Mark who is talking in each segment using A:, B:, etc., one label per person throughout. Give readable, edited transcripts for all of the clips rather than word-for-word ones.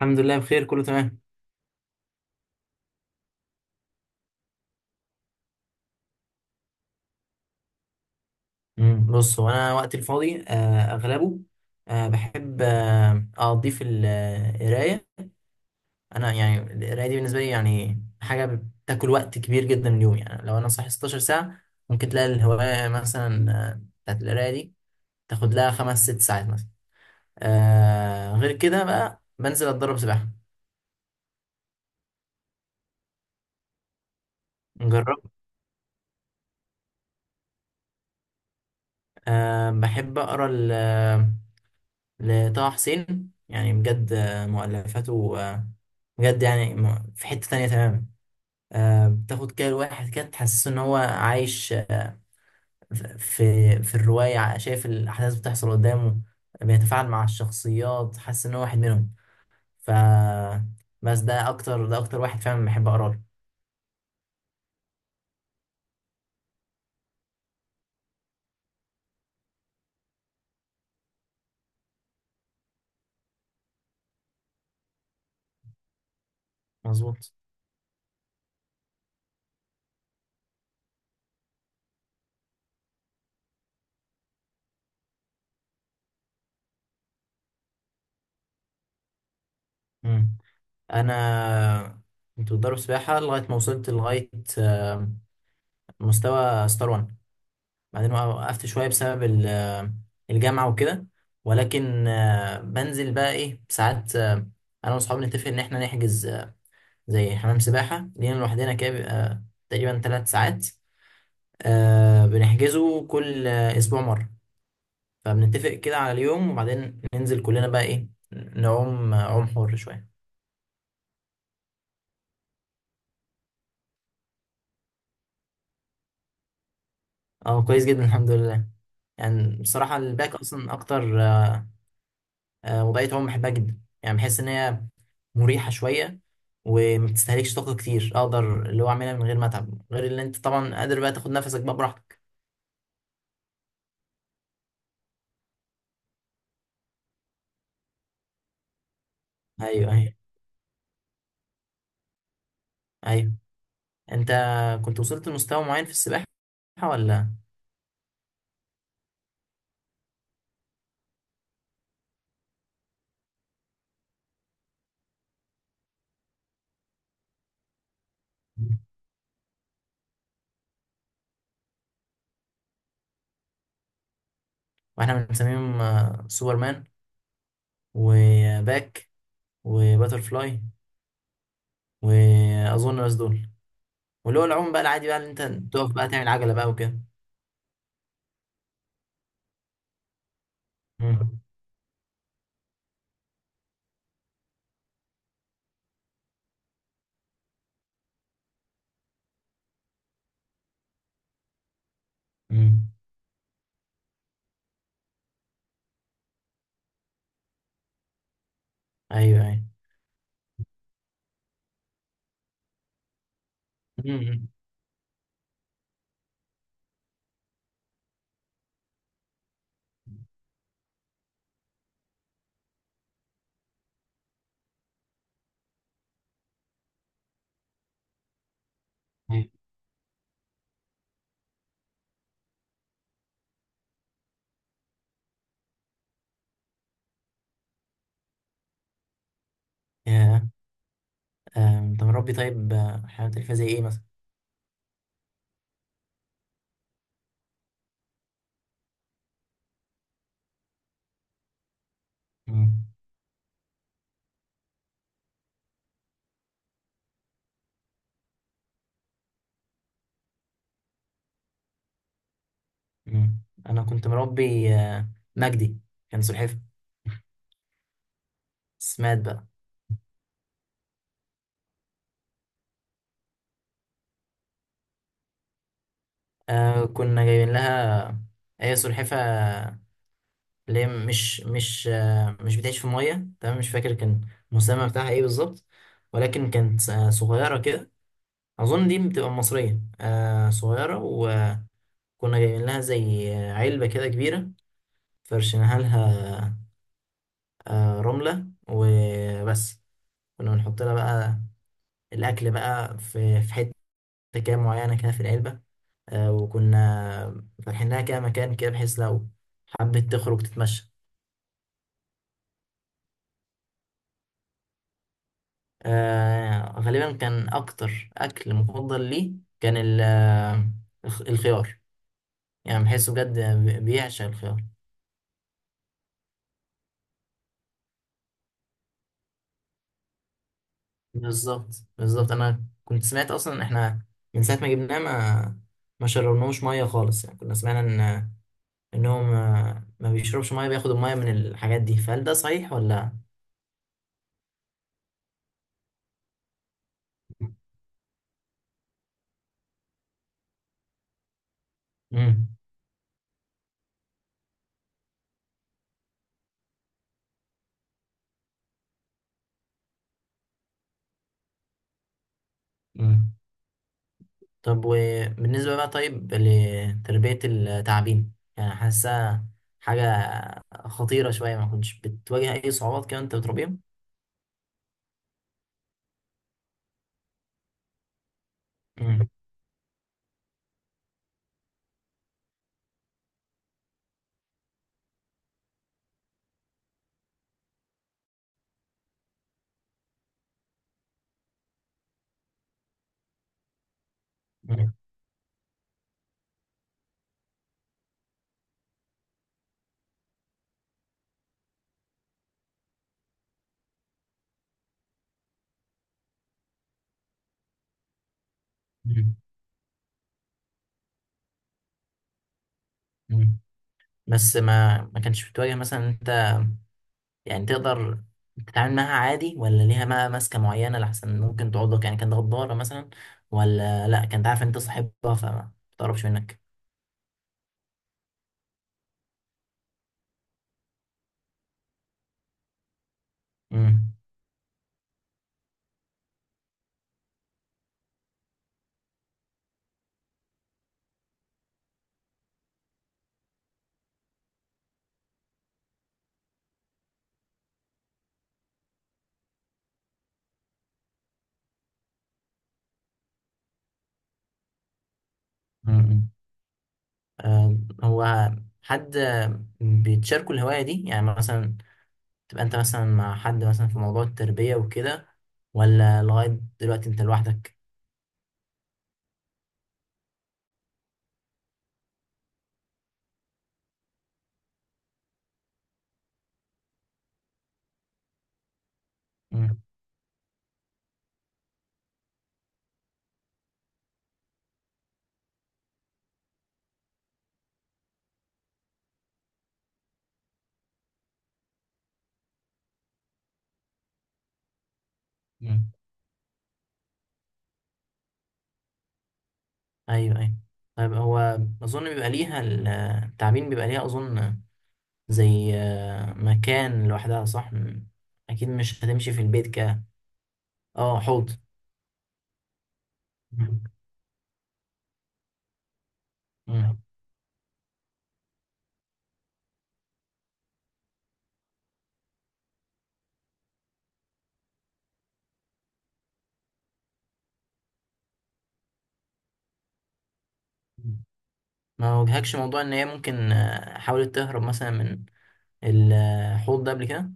A: الحمد لله بخير كله تمام. بص هو انا وقت الفاضي اغلبه، بحب اقضيه في القرايه. انا يعني القرايه دي بالنسبه لي يعني حاجه بتاكل وقت كبير جدا من اليوم، يعني لو انا صاحي 16 ساعه ممكن تلاقي الهوايه مثلا بتاعت القرايه دي تاخد لها خمس ست ساعات مثلا. غير كده بقى بنزل اتدرب سباحه. جرب. أه، بحب اقرا لطه حسين يعني بجد مؤلفاته بجد يعني في حتة تانية تماما. بتاخد كده الواحد كده تحسسه ان هو عايش في الرواية شايف الأحداث بتحصل قدامه، بيتفاعل مع الشخصيات حاسس ان هو واحد منهم. ف بس ده اكتر واحد فعلا بحب اقرا له. مظبوط. مم. انا كنت بتدرب سباحة لغاية ما وصلت لغاية آه، مستوى ستار 1. بعدين وقفت شوية بسبب الجامعة وكده، ولكن بنزل بقى ايه ساعات، انا واصحابي نتفق ان احنا نحجز زي حمام سباحة لينا لوحدنا كده بيبقى تقريبا 3 ساعات. بنحجزه كل اسبوع مرة. فبنتفق كده على اليوم وبعدين ننزل كلنا بقى ايه نعوم عوم حر شوية. اه، كويس جدا الحمد لله. يعني بصراحة الباك اصلا اكتر، وبقيت عموما بحبها جدا يعني بحس ان هي مريحه شويه، وما بتستهلكش طاقه كتير اقدر اللي هو اعملها من غير ما اتعب غير اللي انت طبعا قادر بقى تاخد نفسك بقى براحتك. ايوه، ايوه. ايوه، انت كنت وصلت لمستوى معين في السباحه ولا؟ واحنا بنسميهم سوبرمان وباك وباترفلاي واظن بس دول. واللي هو العوم بقى العادي بقى اللي انت تقف بقى تعمل عجله بقى وكده. مم. مم. ايوه، ايوه. مم. مم. أيوة. أنت مربي طيب، حيوانات أليفة زي إيه مثلا؟ مم. مم. أنا كنت مربي مجدي، كان سلحفة. بس مات بقى. كنا جايبين لها، هي سلحفة اللي هي مش بتعيش في مية. تمام، مش فاكر كان المسمى بتاعها إيه بالظبط، ولكن كانت صغيرة كده. أظن دي بتبقى مصرية صغيرة، وكنا جايبين لها زي علبة كده كبيرة، فرشناها لها رملة وبس. كنا بنحط لها بقى الاكل بقى في حته كده معينه كده في العلبه، وكنا فاتحين لها كده مكان كده بحيث لو حبيت تخرج تتمشى. غالبا كان اكتر اكل مفضل ليه كان الخيار، يعني بحسه بجد بيعشق الخيار. بالظبط بالظبط، انا كنت سمعت اصلا ان احنا من ساعه ما جبناه ما شربناهوش ميه خالص، يعني كنا سمعنا ان انهم ما بيشربش ميه بياخدوا الميه من الحاجات دي. فهل ده صحيح ولا؟ مم. طب وبالنسبة بقى، طيب لتربية التعابين يعني حاسة حاجة خطيرة شوية، ما كنتش بتواجه أي صعوبات كده أنت بتربيهم؟ مم. مم. مم. مم. بس ما كانش بتواجه مثلا أنت، يعني تقدر تتعامل معاها عادي ولا ليها بقى ماسكة معينة لحسن ممكن تعضك، يعني كانت غدارة مثلا ولا لأ كانت عارفة أنت صاحبها فما بتقربش منك؟ مم. مم. هو حد بيتشاركوا الهواية دي يعني مثلا تبقى انت مثلا مع حد مثلا في موضوع التربية وكده، ولا لغاية دلوقتي انت لوحدك؟ مم. مم. ايوه، ايوه. طيب هو اظن بيبقى ليها التعبين بيبقى ليها اظن زي مكان لوحدها، صح؟ اكيد مش هتمشي في البيت. اه، حوض. مم. مم. ما واجهكش موضوع ان هي ممكن حاولت تهرب مثلا من الحوض ده قبل كده؟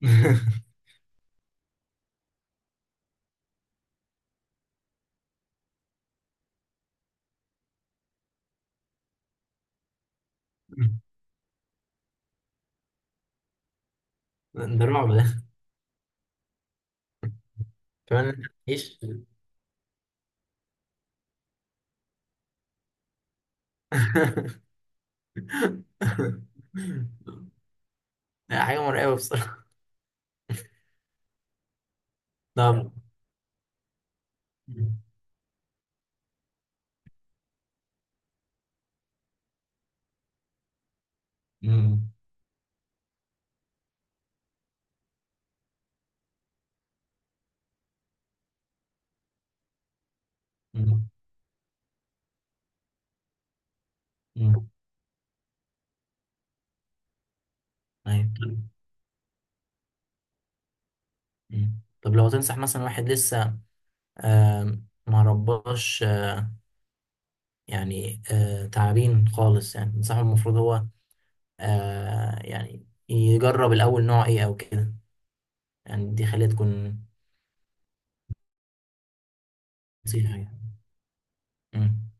A: ده رعب ده، كمان إنت تعيش. لا، حاجة مرعبة بصراحة. نعم. مم. مم. مم. أيوة. مم. طب لو تنصح مثلا واحد لسه ما رباش يعني تعابين خالص يعني تنصحه المفروض هو يعني يجرب الأول نوع إيه أو كده، يعني دي خليها تكون نصيحة يعني. مم.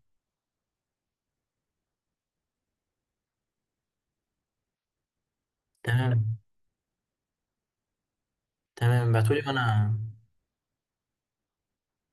A: تمام، تمام، بعتولي وأنا.